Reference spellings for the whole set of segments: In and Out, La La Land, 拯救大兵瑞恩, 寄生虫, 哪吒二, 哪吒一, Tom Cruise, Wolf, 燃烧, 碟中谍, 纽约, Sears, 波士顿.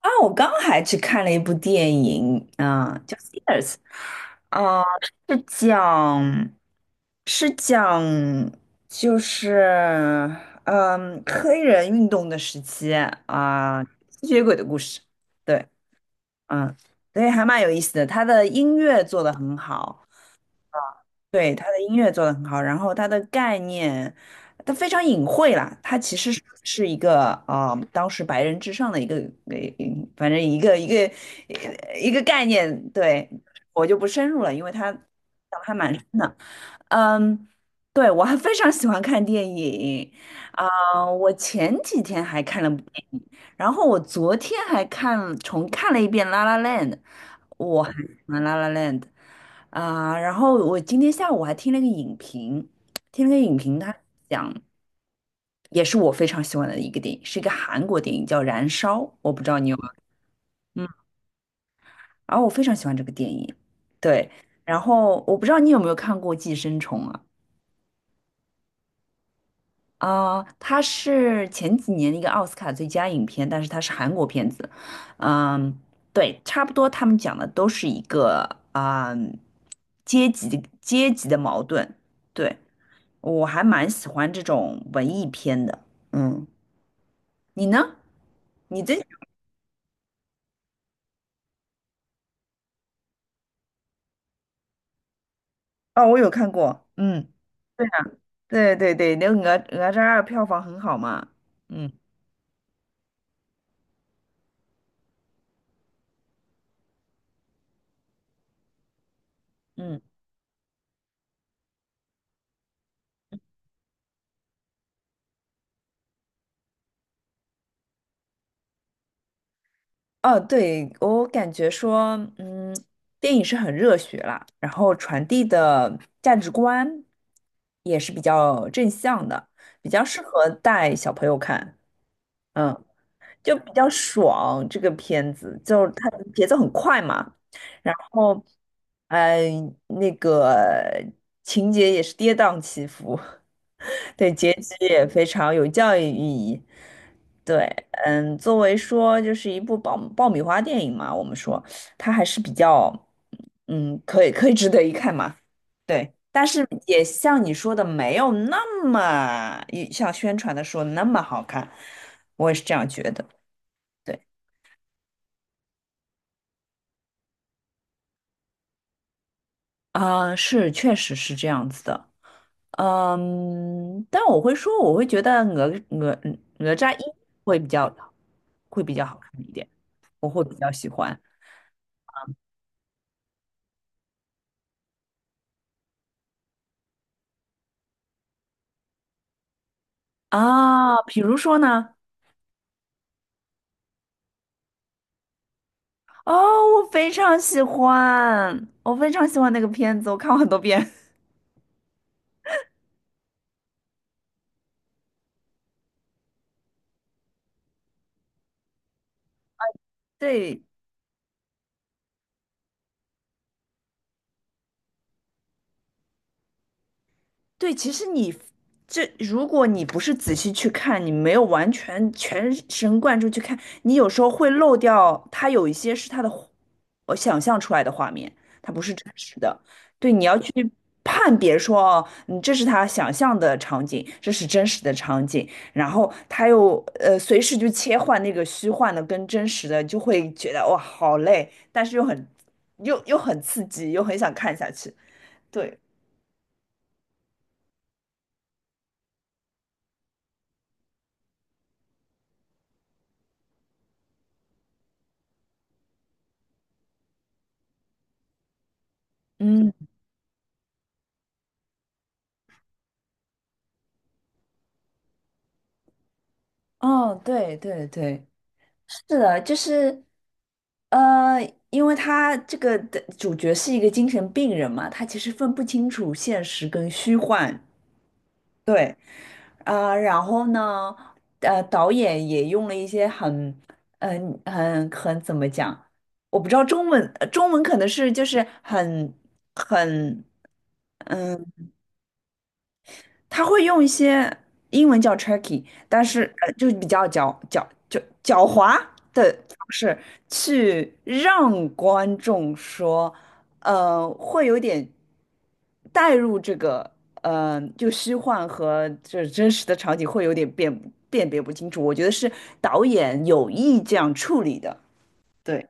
啊，我刚还去看了一部电影，啊、叫《Sears》，啊、是讲是讲就是嗯黑人运动的时期啊、吸血鬼的故事，对，嗯，所以还蛮有意思的。他的音乐做得很好，对，他的音乐做得很好，然后他的概念，他非常隐晦啦，他其实是一个啊、当时白人至上的一个，反正一个概念，对，我就不深入了，因为他讲的还蛮深的。嗯，对，我还非常喜欢看电影啊，我前几天还看了部电影，然后我昨天还重看了一遍《La La Land》，我很喜欢《La La Land》啊，然后我今天下午还听了个影评，他讲也是我非常喜欢的一个电影，是一个韩国电影叫《燃烧》，我不知道你有没有，嗯，然后我非常喜欢这个电影，对，然后我不知道你有没有看过《寄生虫》啊？啊、它是前几年的一个奥斯卡最佳影片，但是它是韩国片子。嗯，对，差不多他们讲的都是一个啊、阶级的矛盾。对，我还蛮喜欢这种文艺片的。嗯，你呢？你这 哦，我有看过。嗯，对对对对，那个《哪吒二》票房很好嘛。嗯嗯。哦，对，我感觉说，嗯，电影是很热血啦，然后传递的价值观也是比较正向的，比较适合带小朋友看，嗯，就比较爽。这个片子就它节奏很快嘛，然后，呃，那个情节也是跌宕起伏，对，结局也非常有教育意义。对，嗯，作为说就是一部爆米花电影嘛，我们说它还是比较，嗯，可以值得一看嘛。对，但是也像你说的，没有那么像宣传的说那么好看，我也是这样觉得。对，啊、是，确实是这样子的。嗯，但我会说，我会觉得哪吒一会比较会比较好看一点，我会比较喜欢啊。比如说呢？哦，我非常喜欢那个片子，我看过很多遍。对，对，其实如果你不是仔细去看，你没有完全全神贯注去看，你有时候会漏掉它有一些是它的我想象出来的画面，它不是真实的。对，你要去判别说，哦，你这是他想象的场景，这是真实的场景，然后他又随时就切换那个虚幻的跟真实的，就会觉得哇好累，但是又很刺激，又很想看下去。对，嗯。哦，对对对，是的，就是，呃，因为他这个的主角是一个精神病人嘛，他其实分不清楚现实跟虚幻。对，啊、然后呢，导演也用了一些很，很怎么讲，我不知道中文，中文可能是就是很。嗯。他会用一些英文叫 tricky，但是就是比较狡猾的方式去让观众说，会有点带入这个，就虚幻和这真实的场景会有点辨别不清楚。我觉得是导演有意这样处理的。对。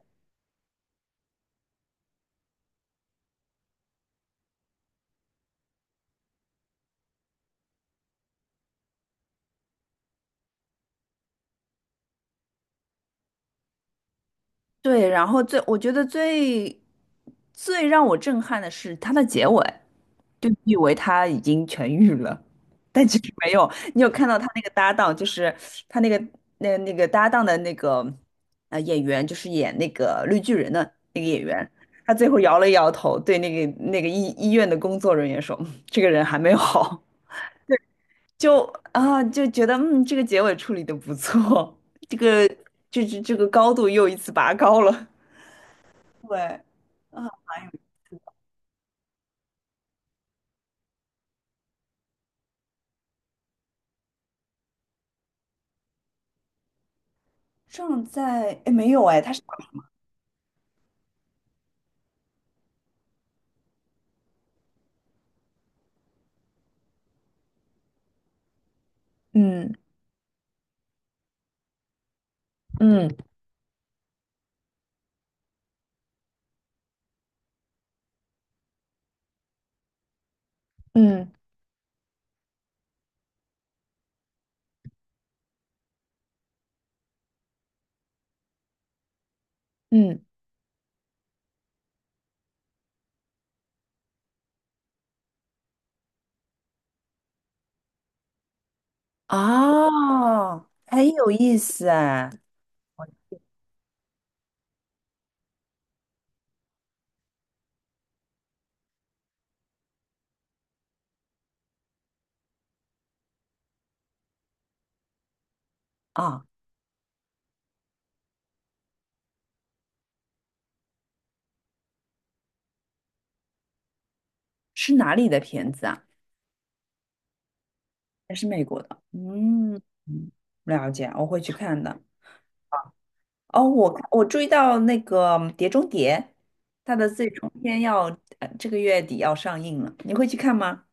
对，然后我觉得最让我震撼的是它的结尾，就你以为他已经痊愈了，但其实没有。你有看到他那个搭档，就是他那个那个搭档的那个演员，就是演那个绿巨人的那个演员，他最后摇了摇头，对那个医院的工作人员说：这个人还没有好。”就啊就觉得这个结尾处理的不错，这个这个高度又一次拔高了。对，啊，正在，哎，没有哎，他是，嗯嗯嗯嗯，啊，很有意思哎，啊，是哪里的片子啊？还是美国的？嗯，嗯了解，我会去看的。哦，我注意到那个碟中谍》，它的最终篇要，这个月底要上映了，你会去看吗？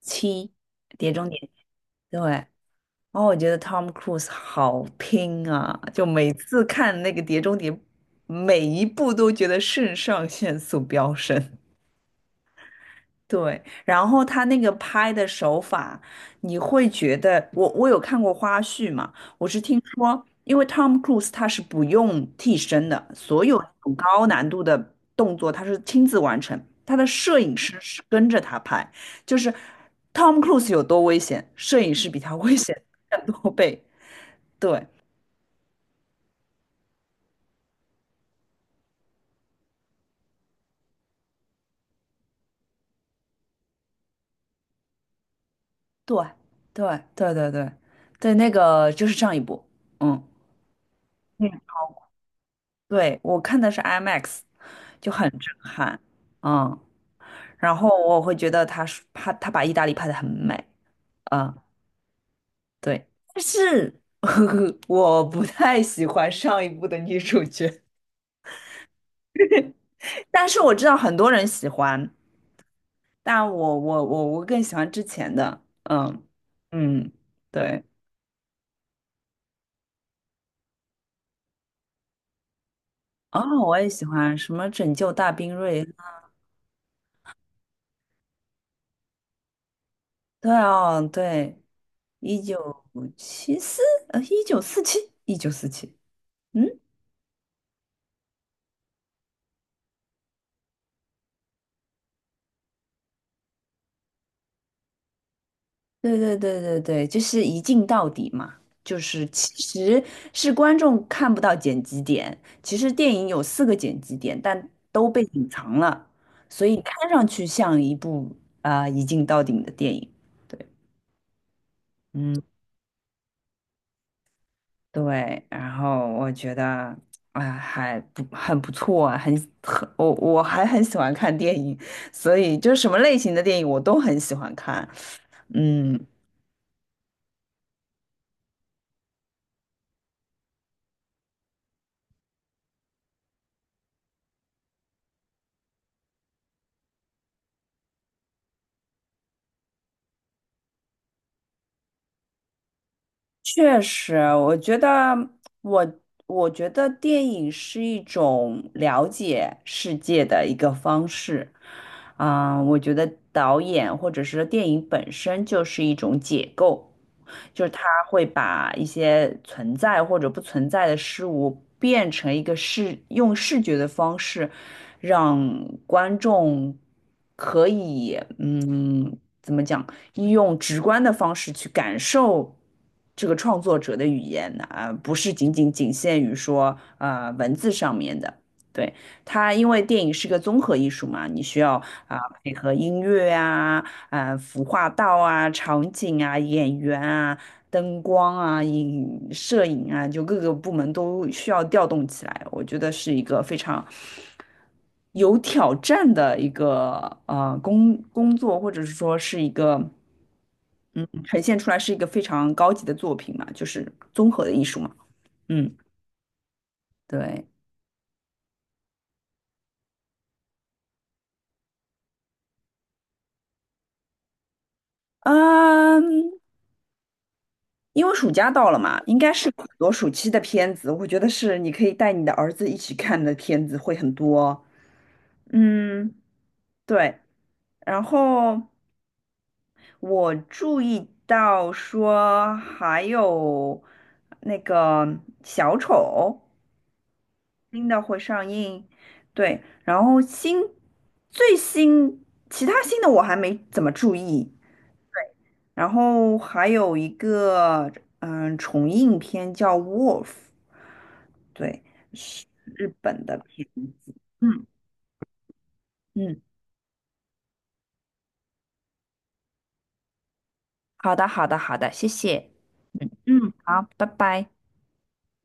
七，《碟中谍》，对，然后我觉得 Tom Cruise 好拼啊，就每次看那个《碟中谍》，每一部都觉得肾上腺素飙升。对，然后他那个拍的手法，你会觉得我有看过花絮嘛？我是听说，因为 Tom Cruise 他是不用替身的，所有那种高难度的动作他是亲自完成，他的摄影师是跟着他拍，就是 Tom Cruise 有多危险，摄影师比他 危险更多倍。对，对对对对对对，那个就是上一部，嗯，嗯，对，我看的是 IMAX，就很震撼，嗯，然后我会觉得他是他他把意大利拍的很美，嗯，对，但是 我不太喜欢上一部的女主角，但是我知道很多人喜欢，但我更喜欢之前的，嗯嗯，对，哦，我也喜欢什么拯救大兵瑞恩，对哦，对。1974，一九四七，嗯，对对对对对，就是一镜到底嘛，就是其实是观众看不到剪辑点，其实电影有四个剪辑点，但都被隐藏了，所以看上去像一部啊、一镜到底的电影，对，嗯。对，然后我觉得，哎，还不很不错啊，很，我还很喜欢看电影，所以就什么类型的电影我都很喜欢看。嗯，确实，我觉得我电影是一种了解世界的一个方式，啊、我觉得导演或者是电影本身就是一种解构，就是它会把一些存在或者不存在的事物变成一个用视觉的方式，让观众可以，怎么讲？用直观的方式去感受这个创作者的语言啊，不是仅限于说文字上面的。对，它因为电影是个综合艺术嘛，你需要啊、配合音乐啊、服化道啊、场景啊、演员啊、灯光啊、摄影啊，就各个部门都需要调动起来。我觉得是一个非常有挑战的一个工作，或者是说是一个嗯，呈现出来是一个非常高级的作品嘛，就是综合的艺术嘛。嗯，对，嗯，因为暑假到了嘛，应该是有很多暑期的片子，我觉得是你可以带你的儿子一起看的片子会很多。嗯，对。然后我注意到说还有那个小丑，新的会上映，对，然后新最新其他新的我还没怎么注意，然后还有一个重映片叫《Wolf》，对，是日本的片子，嗯嗯，好的好的好的，谢谢，嗯嗯，好，拜拜。